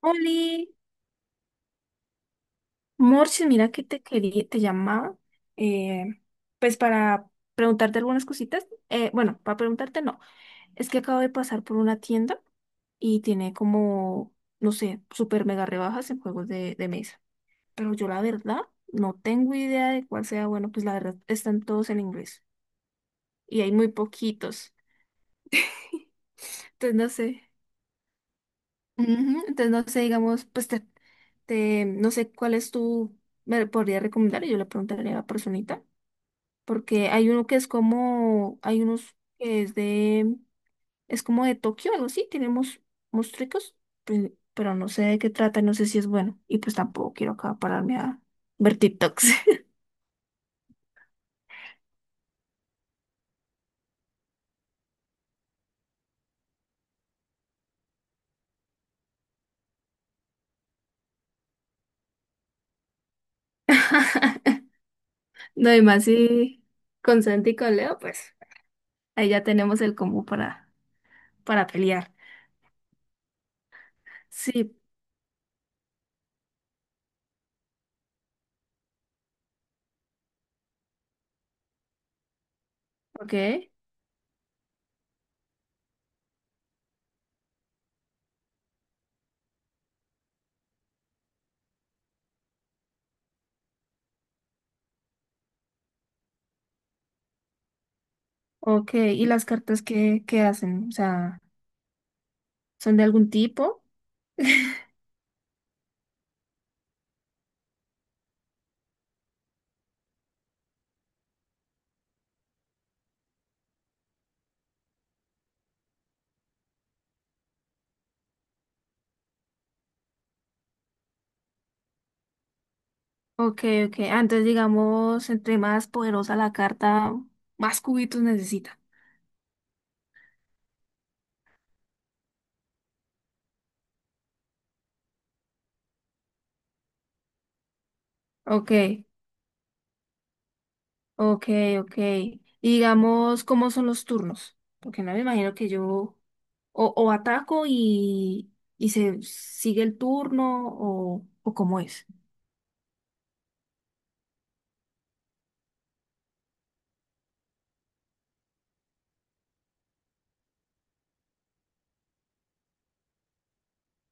Oli, Morches, mira que te quería, te llamaba, eh, pues para preguntarte algunas cositas. Bueno, para preguntarte no, es que acabo de pasar por una tienda y tiene como, no sé, super mega rebajas en juegos de mesa. Pero yo la verdad no tengo idea de cuál sea bueno, pues la verdad están todos en inglés y hay muy poquitos. Entonces no sé. Ujú, entonces no sé, digamos, no sé cuál es tu, me podría recomendar y yo le preguntaría a la personita. Porque hay uno que es como, hay unos que es de, es como de Tokio, algo así, tenemos monstruos, pero no sé de qué trata, no sé si es bueno, y pues tampoco quiero acá pararme a ver TikToks. No, y más si con Santi y con Leo, pues ahí ya tenemos el combo para pelear. Sí, ok, ok, ¿y las cartas qué, qué hacen? O sea, ¿son de algún tipo? Ok, ok. Ah, entonces, digamos, entre más poderosa la carta, más cubitos necesita. Ok, ok, ok. Y digamos, ¿cómo son los turnos? Porque no me imagino que yo o ataco y se sigue el turno o cómo es.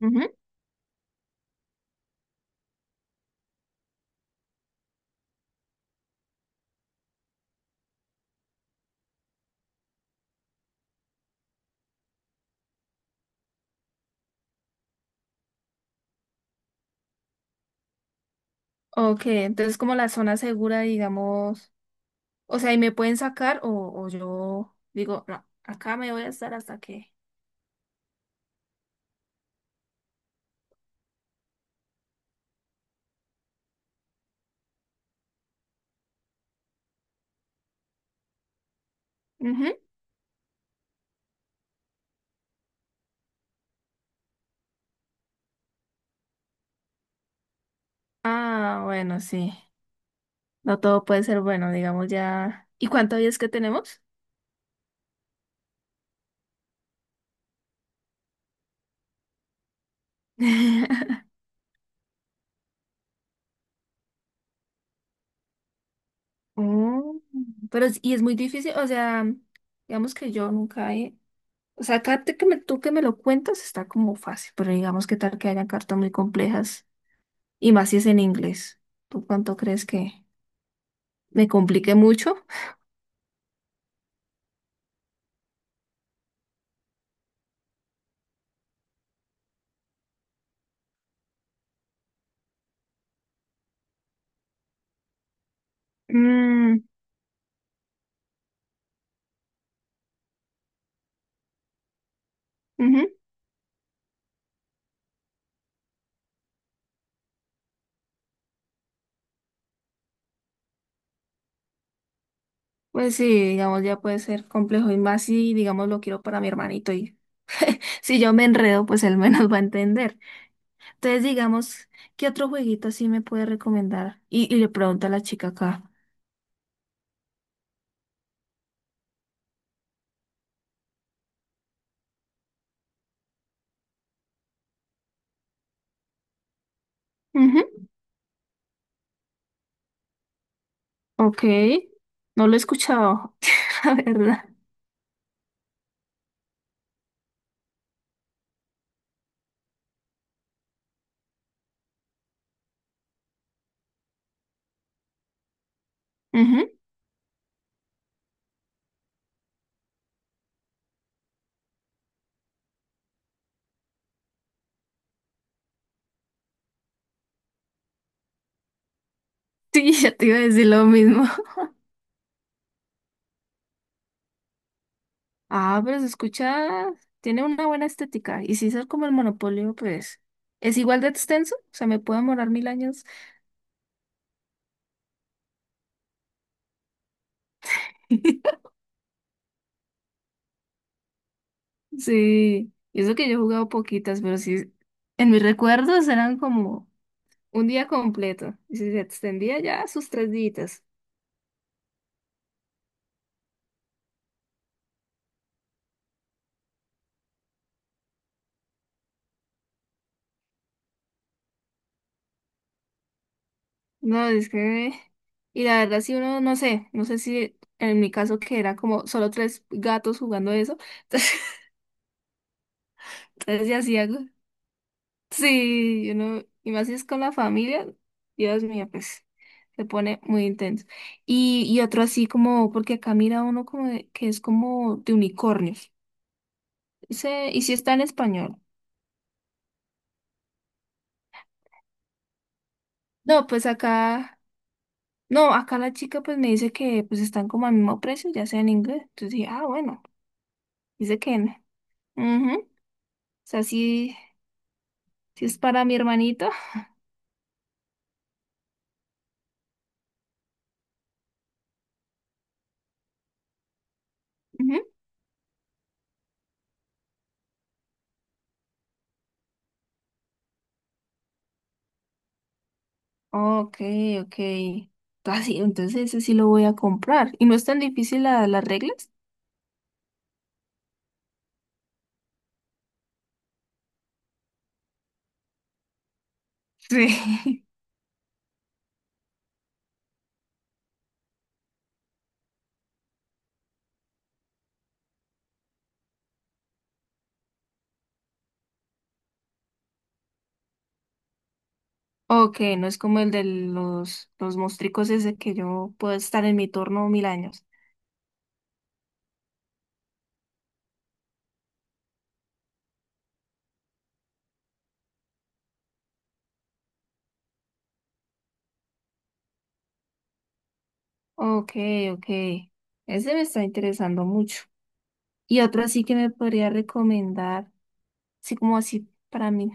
Ujú. Ok, entonces como la zona segura, digamos, o sea, y me pueden sacar o yo digo, no, acá me voy a estar hasta que... Ujú. Ah, bueno, sí. No todo puede ser bueno, digamos ya. ¿Y cuántos días que tenemos? Mm. Y es muy difícil, o sea, digamos que yo nunca he, o sea, acá te que me- tú que me lo cuentas está como fácil, pero digamos que tal que hayan cartas muy complejas, y más si es en inglés. ¿Tú cuánto crees que me complique mucho? Mm, ujú. Pues sí, digamos, ya puede ser complejo, y más si, digamos, lo quiero para mi hermanito, y si yo me enredo, pues él menos va a entender. Entonces, digamos, ¿qué otro jueguito así me puede recomendar? Y le pregunta a la chica acá. Ujú. Ok, no lo he escuchado, la verdad. Ujú. Sí, ya te iba a decir lo mismo. Ah, pero se escucha, tiene una buena estética. Y si es como el Monopolio, pues es igual de extenso. O sea, me puedo demorar 1000 años. Sí, y eso que yo he jugado poquitas, pero sí, en mis recuerdos eran como un día completo. Y si se extendía ya sus 3 días. No, es que, y la verdad, si uno, no sé, no sé si en mi caso que era como solo 3 gatos jugando eso, entonces, entonces ya hacía, algo. Sí, uno, y más si es con la familia, Dios mío, pues se pone muy intenso. Y otro así como, porque acá mira uno como de- que es como de unicornios. Ese- y si está en español. No, pues acá, no, acá la chica pues me dice que pues están como al mismo precio, ya sea en inglés, entonces dije, ah, bueno, dice que no. Sea, sí, sí es para mi hermanito. Ujú. Ok, ok. Ah, sí, entonces ese sí lo voy a comprar. ¿Y no es tan difícil la- las reglas? Sí. Ok, no es como el de los mostricos ese que yo puedo estar en mi turno 1000 años. Ok, ok. Ese me está interesando mucho. Y otro así que me podría recomendar, así como así para mí.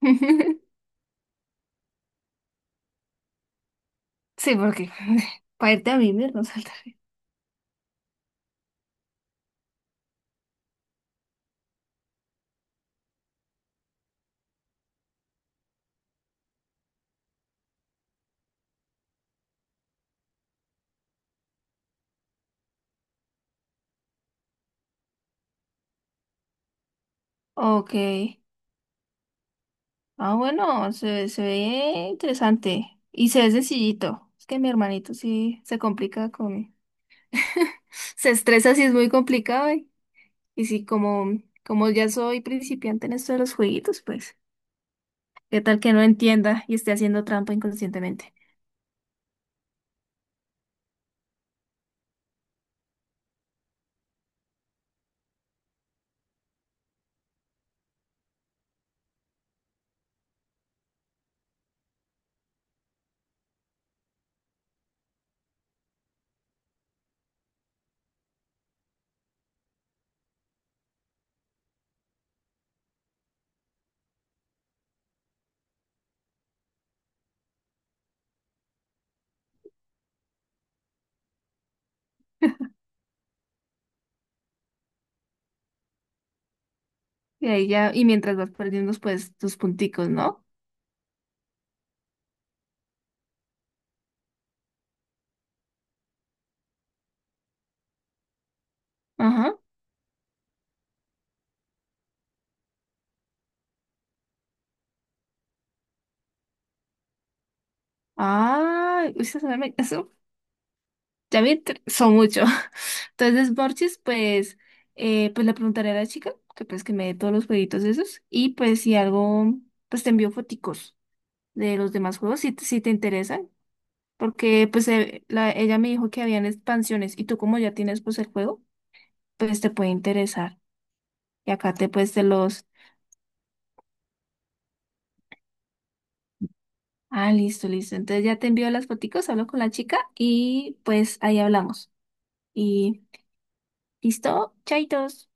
Sí, porque para irte a vivir no salta. Ok. Ah, bueno, se ve interesante y se ve sencillito. Es que mi hermanito sí se complica con... Se estresa si es muy complicado y sí, como, como ya soy principiante en esto de los jueguitos, pues, ¿qué tal que no entienda y esté haciendo trampa inconscientemente? Y ahí ya, y mientras vas perdiendo, pues, tus punticos, ¿no? Ajá. Ah, uy, eso. Ya vi, tre- son muchos. Entonces, Borchis, pues, pues le preguntaré a la chica que pues que me dé todos los jueguitos esos. Y pues si algo, pues te envío foticos de los demás juegos si te interesan. Porque pues la- ella me dijo que habían expansiones y tú como ya tienes pues el juego, pues te puede interesar. Y acá te pues te los... Ah, listo, listo. Entonces ya te envío las foticos, hablo con la chica y pues ahí hablamos. Y listo, chaitos.